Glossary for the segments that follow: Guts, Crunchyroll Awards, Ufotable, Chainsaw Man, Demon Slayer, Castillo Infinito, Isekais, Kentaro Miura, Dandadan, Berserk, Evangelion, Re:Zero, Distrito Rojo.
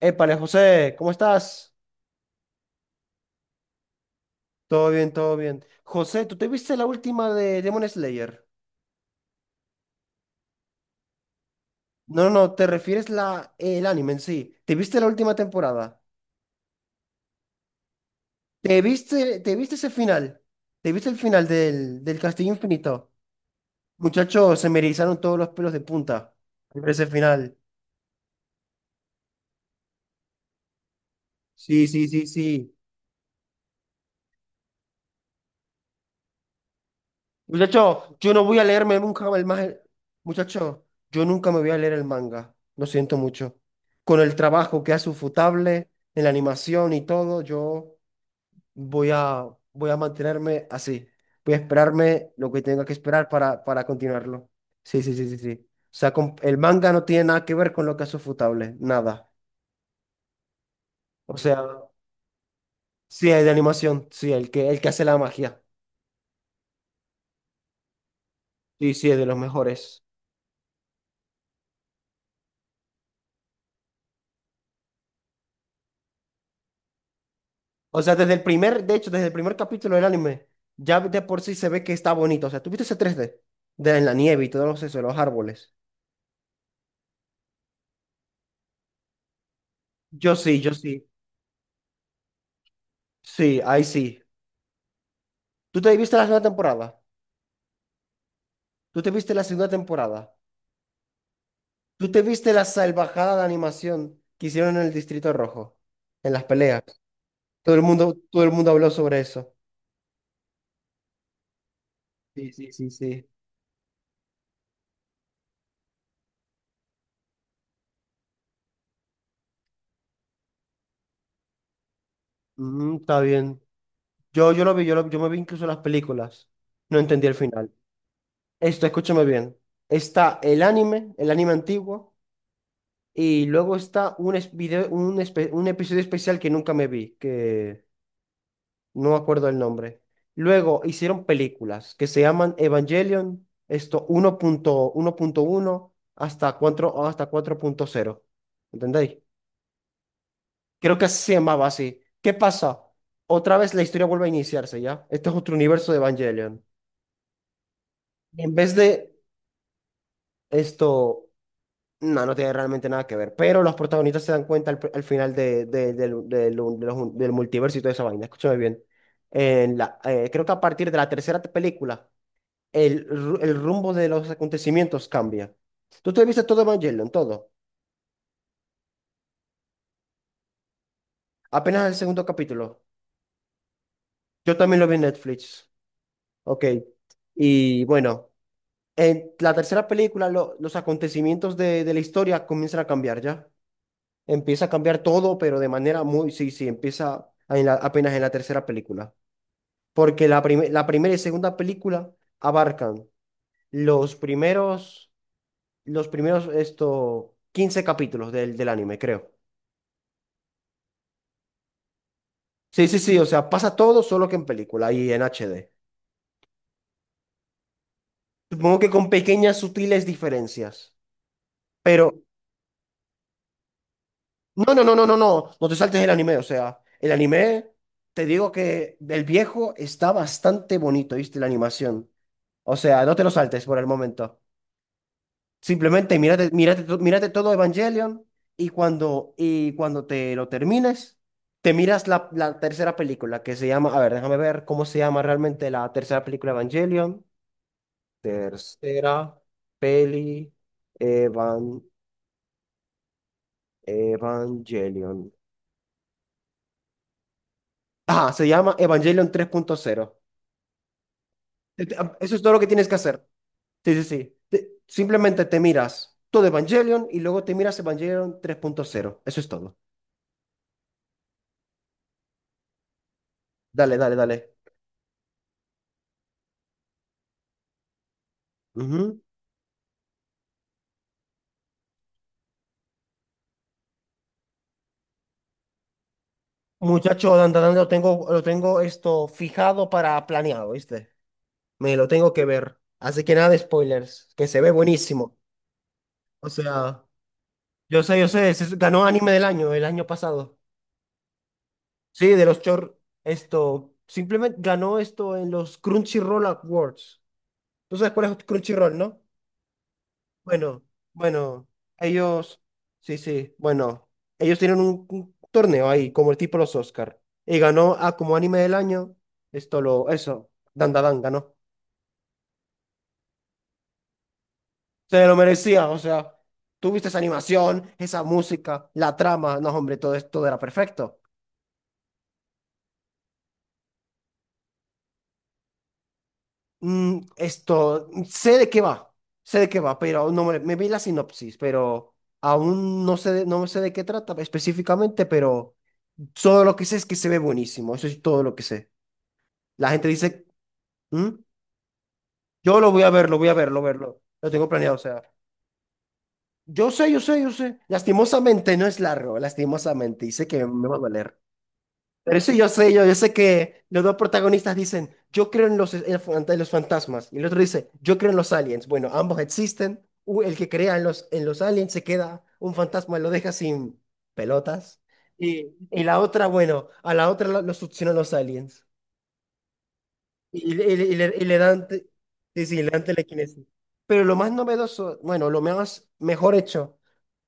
Épale, José, ¿cómo estás? Todo bien, todo bien. José, ¿tú te viste la última de Demon Slayer? No, no, te refieres la, el anime en sí. ¿Te viste la última temporada? ¿Te viste ese final? ¿Te viste el final del Castillo Infinito? Muchachos, se me erizaron todos los pelos de punta al ver ese final. Sí, sí, sí, sí. Muchacho, yo no voy a leerme nunca el manga. Muchacho, yo nunca me voy a leer el manga. Lo siento mucho. Con el trabajo que hace Ufotable en la animación y todo, yo voy a, voy a mantenerme así. Voy a esperarme lo que tenga que esperar para continuarlo. Sí, sí, sí, sí, sí. O sea, el manga no tiene nada que ver con lo que hace Ufotable. Nada. O sea, sí, el de animación. Sí, el que hace la magia. Sí, sí, es de los mejores. O sea, desde el primer, de hecho, desde el primer capítulo del anime, ya de por sí se ve que está bonito. O sea, ¿tú viste ese 3D? De en la nieve y todos esos los árboles. Yo sí, yo sí. Sí, ahí sí. ¿Tú te viste la segunda temporada? ¿Tú te viste la segunda temporada? ¿Tú te viste la salvajada de animación que hicieron en el Distrito Rojo? En las peleas. Todo el mundo habló sobre eso. Sí, sí, sí, sí. Mm, está bien. Yo lo vi, yo, yo me vi incluso las películas. No entendí el final. Esto, escúchame bien. Está el anime antiguo, y luego está un, es- video, un, espe- un episodio especial que nunca me vi, que no me acuerdo el nombre. Luego hicieron películas que se llaman Evangelion, esto uno uno punto uno punto uno hasta 4, o hasta 4.0. ¿Entendéis? Creo que se llamaba así. ¿Qué pasa? Otra vez la historia vuelve a iniciarse, ¿ya? Este es otro universo de Evangelion. En vez de esto. No, no tiene realmente nada que ver. Pero los protagonistas se dan cuenta al final del multiverso y toda esa vaina. Escúchame bien. En la, creo que a partir de la tercera película, el rumbo de los acontecimientos cambia. Tú te viste todo Evangelion, todo. Apenas el segundo capítulo. Yo también lo vi en Netflix. Ok. Y bueno, en la tercera película, los acontecimientos de la historia comienzan a cambiar ya. Empieza a cambiar todo, pero de manera muy, sí, sí, empieza a- en la- apenas en la tercera película. Porque la primera y segunda película abarcan los primeros, 15 capítulos del anime, creo. Sí, sí, sí, o sea, pasa todo solo que en película y en HD. Supongo que con pequeñas sutiles diferencias. Pero, no, no, no, no, no, no, no te saltes el anime, o sea, el anime, te digo que el viejo está bastante bonito, ¿viste? La animación. O sea, no te lo saltes por el momento. Simplemente mírate todo Evangelion y y cuando te lo termines, te miras la tercera película que se llama, a ver, déjame ver cómo se llama realmente la tercera película de Evangelion. Tercera peli Evan, Evangelion. Ah, se llama Evangelion 3.0. Eso es todo lo que tienes que hacer. Sí, sí, sí. Simplemente te miras todo Evangelion y luego te miras Evangelion 3.0. Eso es todo. Dale, dale, dale. Ujú. Muchacho, Dan, Dan, Dan, lo tengo esto fijado para planeado, ¿viste? Me lo tengo que ver. Así que nada de spoilers, que se ve buenísimo. O sea, yo sé, ganó anime del año, el año pasado. Sí, de los short, esto, simplemente ganó esto en los Crunchyroll Awards. ¿Tú sabes cuál es Crunchyroll, no? Bueno, bueno, ellos, sí, sí, bueno, ellos tienen un torneo ahí, como el tipo los Oscar, y ganó a como anime del año, esto lo, eso, Dandadan ganó. Se lo merecía, o sea, tú viste esa animación, esa música, la trama, no, hombre, todo esto todo era perfecto. Mm, esto, sé de qué va, pero no me, me vi la sinopsis, pero aún no sé, no sé de qué trata específicamente, pero todo lo que sé es que se ve buenísimo, eso es todo lo que sé. La gente dice, "Mm, yo lo voy a ver, lo verlo." Lo tengo planeado, o sea. Yo sé, yo sé, yo sé. Lastimosamente no es largo, lastimosamente. Y sé que me va a doler. Pero eso yo sé, yo sé que los dos protagonistas dicen, yo creo en los fantasmas. Y el otro dice, yo creo en los aliens. Bueno, ambos existen. El que crea en los aliens se queda, un fantasma lo deja sin pelotas. Y la otra, bueno, a la otra lo succionan los aliens. Y le dan, sí, sí, le dan telequinesis. Pero lo más novedoso, bueno, lo más mejor hecho,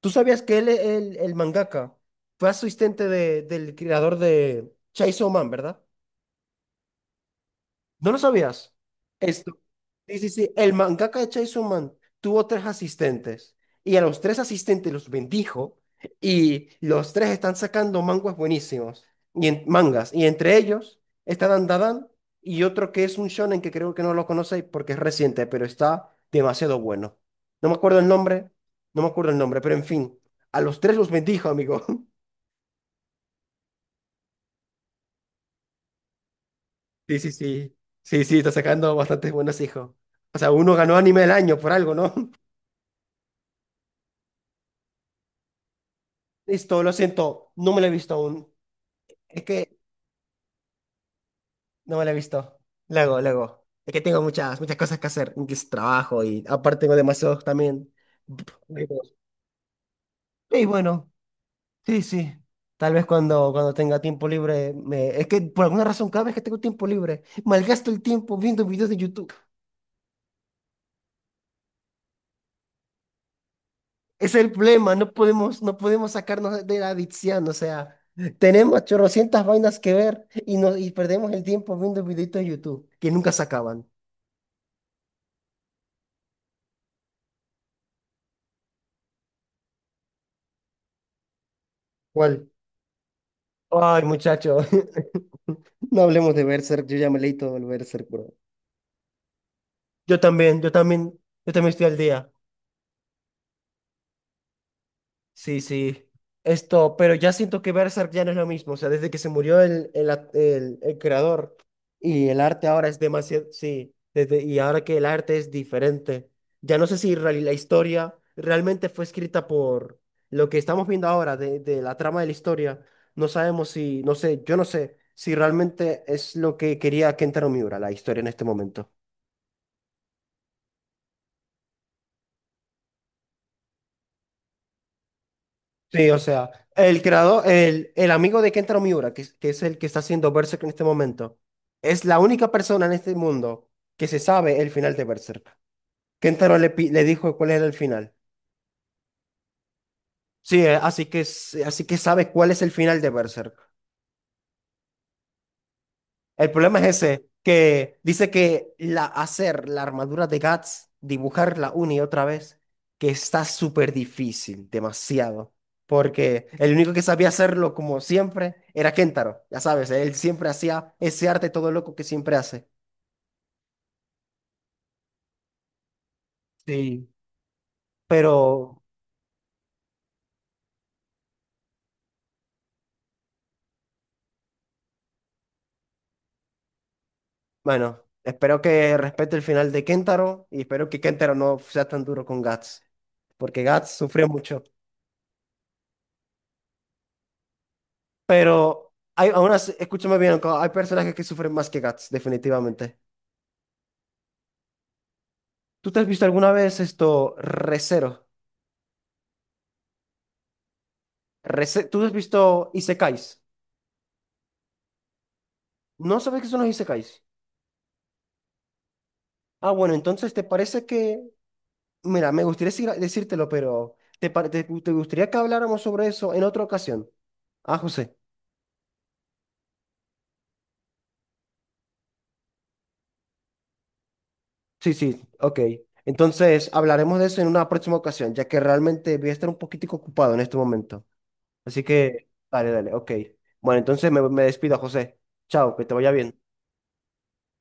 ¿tú sabías que el mangaka fue asistente del creador de Chainsaw Man, ¿verdad? ¿No lo sabías? Esto. Sí, sí, sí. El mangaka de Chainsaw Man tuvo tres asistentes y a los tres asistentes los bendijo y los tres están sacando manguas buenísimos y mangas y entre ellos está Dan Dadan y otro que es un shonen que creo que no lo conocéis porque es reciente, pero está demasiado bueno. No me acuerdo el nombre, no me acuerdo el nombre, pero en fin, a los tres los bendijo, amigo. Sí, sí, sí. Sí, sí, está sacando bastantes buenos hijos. O sea, uno ganó anime del año por algo, ¿no? Listo, lo siento, no me la he visto aún. Es que no me la he visto. Luego, luego. Es que tengo muchas, muchas cosas que hacer, que es trabajo y aparte tengo demasiados también. Juegos. Y bueno, sí, sí. Tal vez cuando tenga tiempo libre, me... es que por alguna razón cada vez que tengo tiempo libre, malgasto el tiempo viendo videos de YouTube. Ese es el problema, no podemos sacarnos de la adicción, o sea, tenemos chorrocientas vainas que ver y, no, y perdemos el tiempo viendo videitos de YouTube que nunca se acaban. ¿Cuál? Ay, muchacho. No hablemos de Berserk, yo ya me leí todo el Berserk, bro. Yo también, yo también, yo también estoy al día. Sí, sí. Esto, pero ya siento que Berserk ya no es lo mismo. O sea, desde que se murió el creador y el arte ahora es demasiado. Sí, desde, y ahora que el arte es diferente. Ya no sé si la historia realmente fue escrita por lo que estamos viendo ahora de la trama de la historia. No sabemos si, no sé, yo no sé si realmente es lo que quería Kentaro Miura, la historia en este momento. Sí, o sea, el creador, el amigo de Kentaro Miura, que, que es el que está haciendo Berserk en este momento, es la única persona en este mundo que se sabe el final de Berserk. Kentaro le dijo cuál era el final. Sí, así que, así que sabe cuál es el final de Berserk. El problema es ese, que dice que la, hacer la armadura de Guts, dibujarla una y otra vez, que está súper difícil, demasiado. Porque el único que sabía hacerlo como siempre era Kentaro, ya sabes, él siempre hacía ese arte todo loco que siempre hace. Sí. Pero bueno, espero que respete el final de Kentaro y espero que Kentaro no sea tan duro con Guts, porque Guts sufrió mucho. Pero hay, aún así, escúchame bien, hay personajes que sufren más que Guts, definitivamente. ¿Tú te has visto alguna vez esto, Re:Zero? ¿Tú has visto Isekais? ¿No sabes qué son los Isekais? Ah, bueno, entonces te parece que, mira, me gustaría decírtelo, pero te gustaría que habláramos sobre eso en otra ocasión? Ah, José. Sí, sí, ok. Entonces hablaremos de eso en una próxima ocasión, ya que realmente voy a estar un poquitico ocupado en este momento. Así que, dale, dale, ok. Bueno, entonces me despido, José. Chao, que te vaya bien.